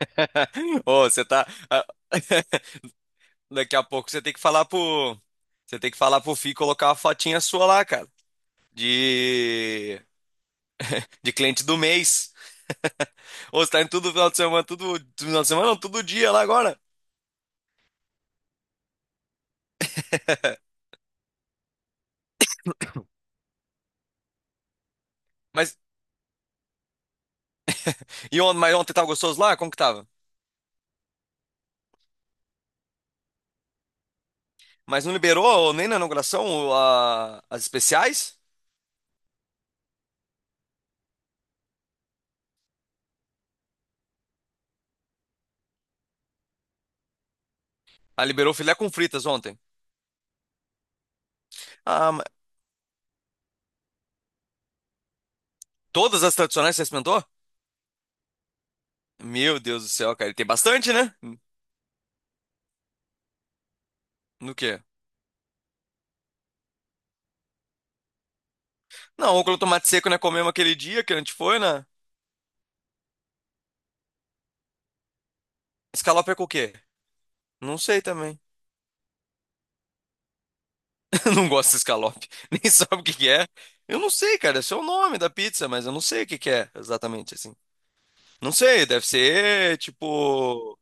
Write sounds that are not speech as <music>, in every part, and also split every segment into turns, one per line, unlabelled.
<laughs> Ô, você tá. <laughs> Daqui a pouco você tem que falar pro. Você tem que falar pro Fih colocar uma fotinha sua lá, cara. De. De cliente do mês. <laughs> Ô, você tá indo todo final de semana, tudo. Final de semana, não, todo dia lá agora. <laughs> Mas. Mas ontem tava gostoso lá? Como que tava? Mas não liberou, ô, nem na inauguração, ô, as especiais? Ah, liberou filé com fritas ontem. Ah, todas as tradicionais você experimentou? Meu Deus do céu, cara. E tem bastante, né? No quê? Não, rúcula, tomate seco, né? Comemos aquele dia que a gente foi, né? Escalope é com o quê? Não sei também. <laughs> Não gosto de escalope. <laughs> Nem sabe o que que é. Eu não sei, cara. Esse é o nome da pizza, mas eu não sei o que que é exatamente assim. Não sei, deve ser tipo.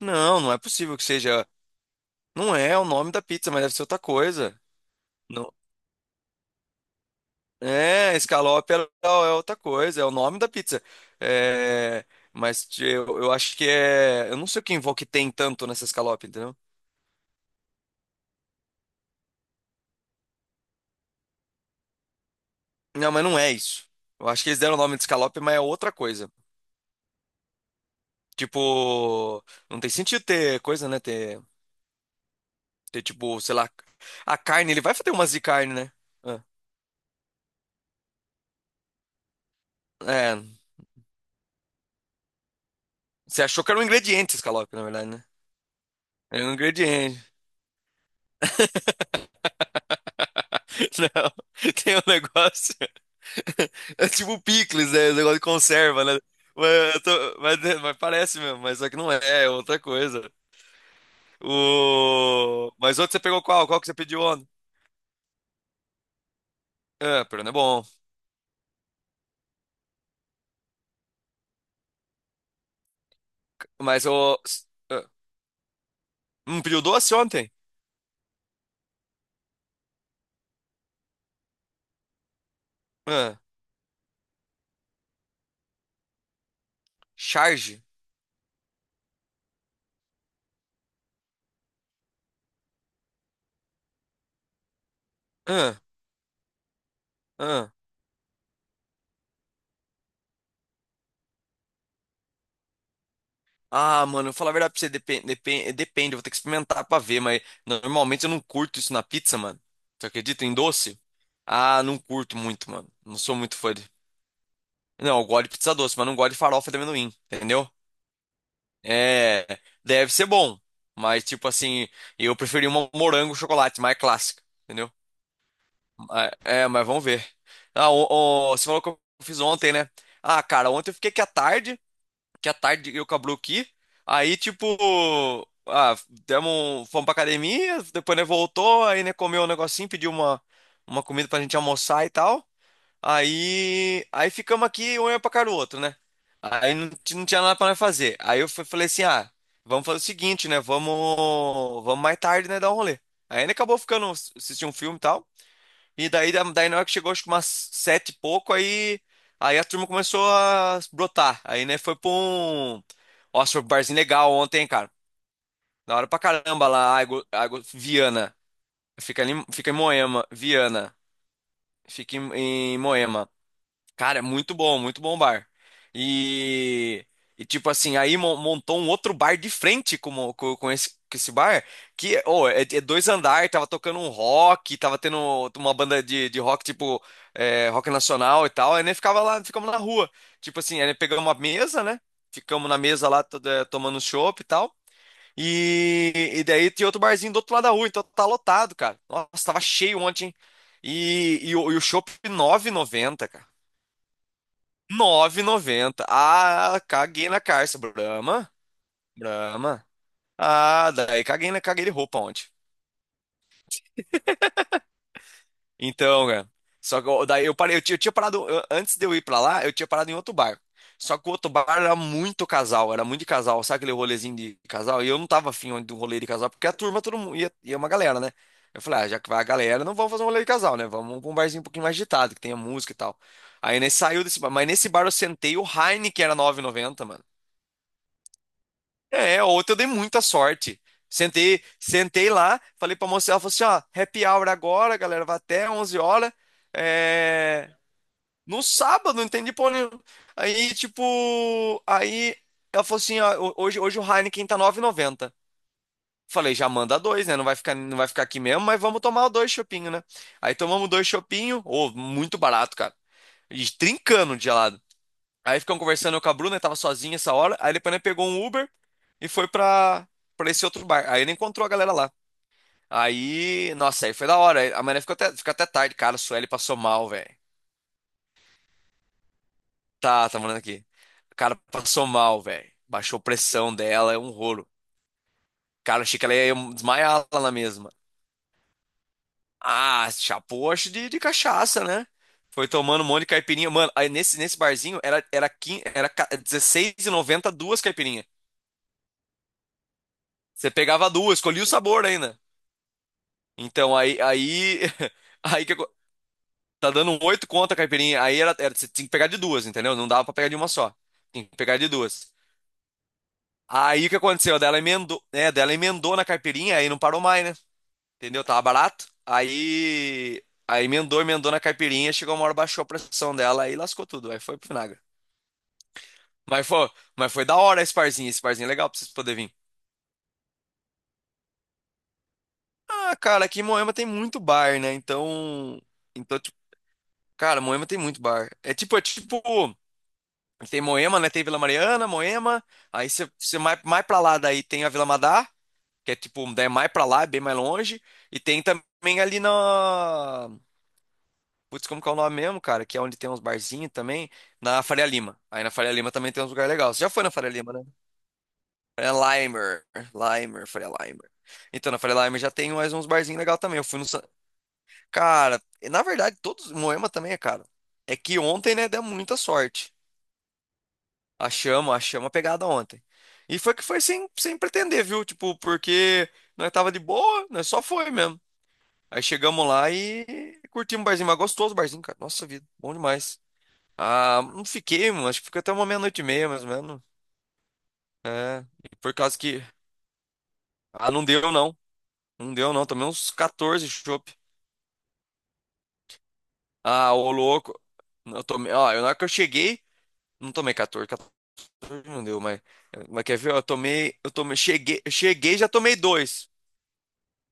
Não, não é possível que seja. Não é o nome da pizza, mas deve ser outra coisa. Não. É, escalope é outra coisa, é o nome da pizza. É. Mas eu acho que é. Eu não sei o que envolve que tem tanto nessa escalope, entendeu? Não, mas não é isso. Eu acho que eles deram o nome de escalope, mas é outra coisa. Tipo, não tem sentido ter coisa, né? Ter tipo, sei lá, a carne, ele vai fazer umas de carne, né? Ah, é. Você achou que era um ingrediente escalope, na verdade, né? É um ingrediente. <laughs> Não, tem um negócio. <laughs> É tipo picles, né? Um negócio de conserva, né? Mas, né, mas parece mesmo, mas só que não é, é outra coisa. Mas outro você pegou qual? Qual que você pediu ontem? É, Perona é bom. Mas o. ah, Um pediu doce ontem? Ah, charge? Ah, ah. Ah, mano, eu vou falar a verdade pra você, depende, depende, depende, eu vou ter que experimentar pra ver, mas normalmente eu não curto isso na pizza, mano. Você acredita em doce? Ah, não curto muito, mano. Não sou muito fã de. Não, eu gosto de pizza doce, mas não gosto de farofa de amendoim, entendeu? É, deve ser bom, mas tipo assim, eu preferi uma morango chocolate mais clássica, entendeu? Ah, é, mas vamos ver. Ah, o, Você falou que eu fiz ontem, né? Ah, cara, ontem eu fiquei aqui à tarde, que à tarde eu com a Blue aqui. Aí, tipo, ah, demos, fomos pra academia, depois, né, voltou, aí, né, comeu um negocinho, pediu uma, comida pra gente almoçar e tal. Aí ficamos aqui, um olhando pra cara do outro, né? Aí não, não tinha nada pra nós fazer. Aí eu falei assim, ah, vamos fazer o seguinte, né, vamos mais tarde, né, dar um rolê. Aí, né, acabou ficando, assistir um filme e tal. E daí na hora que chegou, acho que umas sete e pouco, aí a turma começou a brotar. Aí, né, foi pra um. Nossa, foi um barzinho legal ontem, hein, cara. Da hora pra caramba lá, Água Viana. Fica ali, fica em Moema, Viana. Fica em Moema. Cara, é muito bom bar. E, e tipo assim, aí montou um outro bar de frente com, o- com, com esse bar, que ô, é dois andares, tava tocando um rock, tava tendo uma banda de rock, tipo, é, rock nacional e tal, aí nem ficava lá, ficamos na rua. Tipo assim, aí pegamos uma mesa, né? Ficamos na mesa lá, tomando chopp e tal. E daí tinha outro barzinho do outro lado da rua, então tá lotado, cara. Nossa, tava cheio ontem, hein? E o chopp R$ 9,90, cara, nove e noventa. Ah, caguei na calça. Brahma. Ah, daí caguei de roupa ontem. Então, cara. Só que daí eu parei, eu tinha parado antes de eu ir pra lá, eu tinha parado em outro bar. Só que o outro bar era muito casal, era muito de casal, sabe aquele rolezinho de casal? E eu não tava afim de um rolê de casal, porque a turma todo mundo ia, uma galera, né? Eu falei, ah, já que vai a galera, não vamos fazer um rolê de casal, né? Vamos pra um barzinho um pouquinho mais agitado, que tenha música e tal. Aí nesse saiu desse bar, mas nesse bar eu sentei o Heineken era nove e noventa, mano. É, outra eu dei muita sorte. Sentei, sentei lá, falei pra moça, ela falou assim, ó, happy hour agora, galera, vai até 11 horas. É. No sábado, não entendi porra nenhuma. Aí, tipo, aí ela falou assim, ó, hoje o Heineken tá nove e noventa. Falei, já manda dois, né? Não vai ficar, não vai ficar aqui mesmo, mas vamos tomar dois chopinhos, né? Aí tomamos dois chopinhos, ou muito barato, cara. E trincando de gelado. Aí ficamos conversando eu com a Bruna, que tava sozinha essa hora. Aí depois ele pegou um Uber e foi pra, esse outro bar. Aí ele encontrou a galera lá. Aí, nossa, aí foi da hora. Aí a mané ficou até tarde, cara. A Sueli passou mal, velho. Tá morando aqui. O cara passou mal, velho. Baixou a pressão dela, é um rolo. Cara, achei que ela ia desmaiar lá na mesma. Ah, chapou, acho de cachaça, né? Foi tomando um monte de caipirinha. Mano, aí nesse barzinho era 15, dezesseis e noventa duas caipirinhas. Você pegava duas, escolhia o sabor ainda. Então <laughs> aí que acon- tá dando um oito conto a caipirinha. Aí era, você tinha que pegar de duas, entendeu? Não dava pra pegar de uma só. Tinha que pegar de duas. Aí o que aconteceu? Dela emendou, né? Dela emendou na caipirinha, aí não parou mais, né? Entendeu? Tava barato. Aí emendou na caipirinha, chegou uma hora, baixou a pressão dela, aí lascou tudo. Aí foi pro vinagre. Mas foi, mas foi da hora esse barzinho é legal pra vocês poderem vir. Ah, cara, aqui em Moema tem muito bar, né? Então, tipo, cara, Moema tem muito bar. É tipo, tem Moema, né? Tem Vila Mariana, Moema. Aí você mais pra lá daí tem a Vila Madá, que é tipo, daí é mais pra lá, é bem mais longe. E tem também ali na. Putz, como que é o nome mesmo, cara? Que é onde tem uns barzinhos também. Na Faria Lima. Aí na Faria Lima também tem uns lugares legais. Você já foi na Faria Lima, né? Faria Limer. Limer, Faria Limer. Então, na Faria Limer já tem mais uns barzinhos legais também. Eu fui no. Cara, na verdade, todos. Moema também é caro. É que ontem, né, deu muita sorte. Achamos, achamos a pegada ontem. E foi que foi sem pretender, viu? Tipo, porque nós tava de boa, nós só foi mesmo. Aí chegamos lá e curtimos o barzinho, mas gostoso o barzinho, cara. Nossa vida, bom demais. Ah, não fiquei, mano. Acho que fica até uma meia-noite e meia, mais ou menos. É, e por causa que. Ah, não deu não. Não deu não. Tomei uns 14 chopp. Ah, ô louco. Eu tomei. Ó, na hora que eu cheguei, não tomei 14. 14 não deu, mas. Mas quer ver? Eu tomei. Eu cheguei e já tomei dois.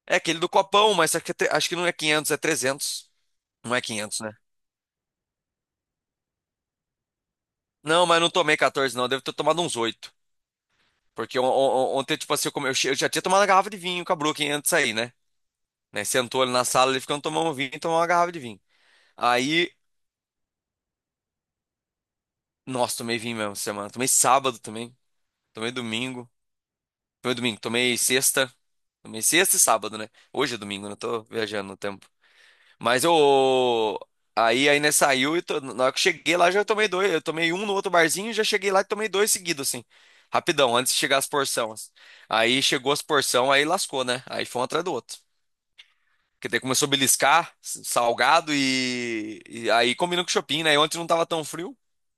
É aquele do copão, mas acho que não é quinhentos, é 300. Não é 500, né? Não, mas não tomei 14, não. Devo ter tomado uns oito. Porque ontem, tipo assim, eu, come- eu che- eu já tinha tomado uma garrafa de vinho com a Brooklyn antes de sair, né? Né, sentou ali na sala, ele ficando tomando vinho e tomou uma garrafa de vinho. Aí, nossa, tomei vinho mesmo essa semana. Tomei sábado também. Tomei domingo. Tomei domingo, tomei sexta. Tomei sexta e sábado, né? Hoje é domingo, não tô viajando no tempo. Mas eu. Aí ainda saiu e na hora que eu cheguei lá já tomei dois. Eu tomei um no outro barzinho e já cheguei lá e tomei dois seguidos, assim. Rapidão, antes de chegar as porções. Aí chegou as porções, aí lascou, né? Aí foi um atrás do outro. Porque daí começou a beliscar, salgado e aí combinou com o shopping, né? E ontem não tava tão frio.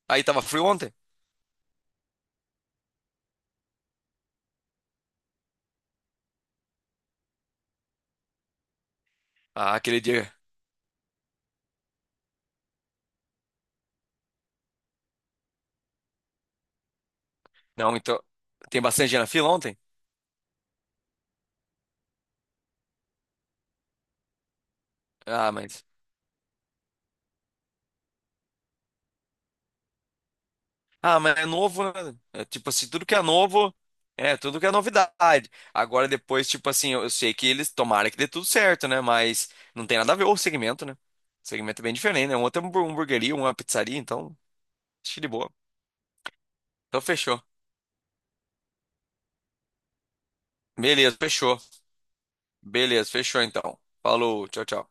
Aí tava frio ontem? Ah, aquele dia. Não, então. Tem bastante gente na fila ontem? Ah, mas. Ah, mas é novo, né? É, tipo assim, tudo que é novo, é, tudo que é novidade. Agora depois, tipo assim, eu sei que eles tomaram que dê tudo certo, né? Mas não tem nada a ver o segmento, né? O segmento é bem diferente, né? Um outro é uma hamburgueria, uma pizzaria, então, acho que de boa. Então fechou. Beleza, fechou. Beleza, fechou então. Falou, tchau, tchau.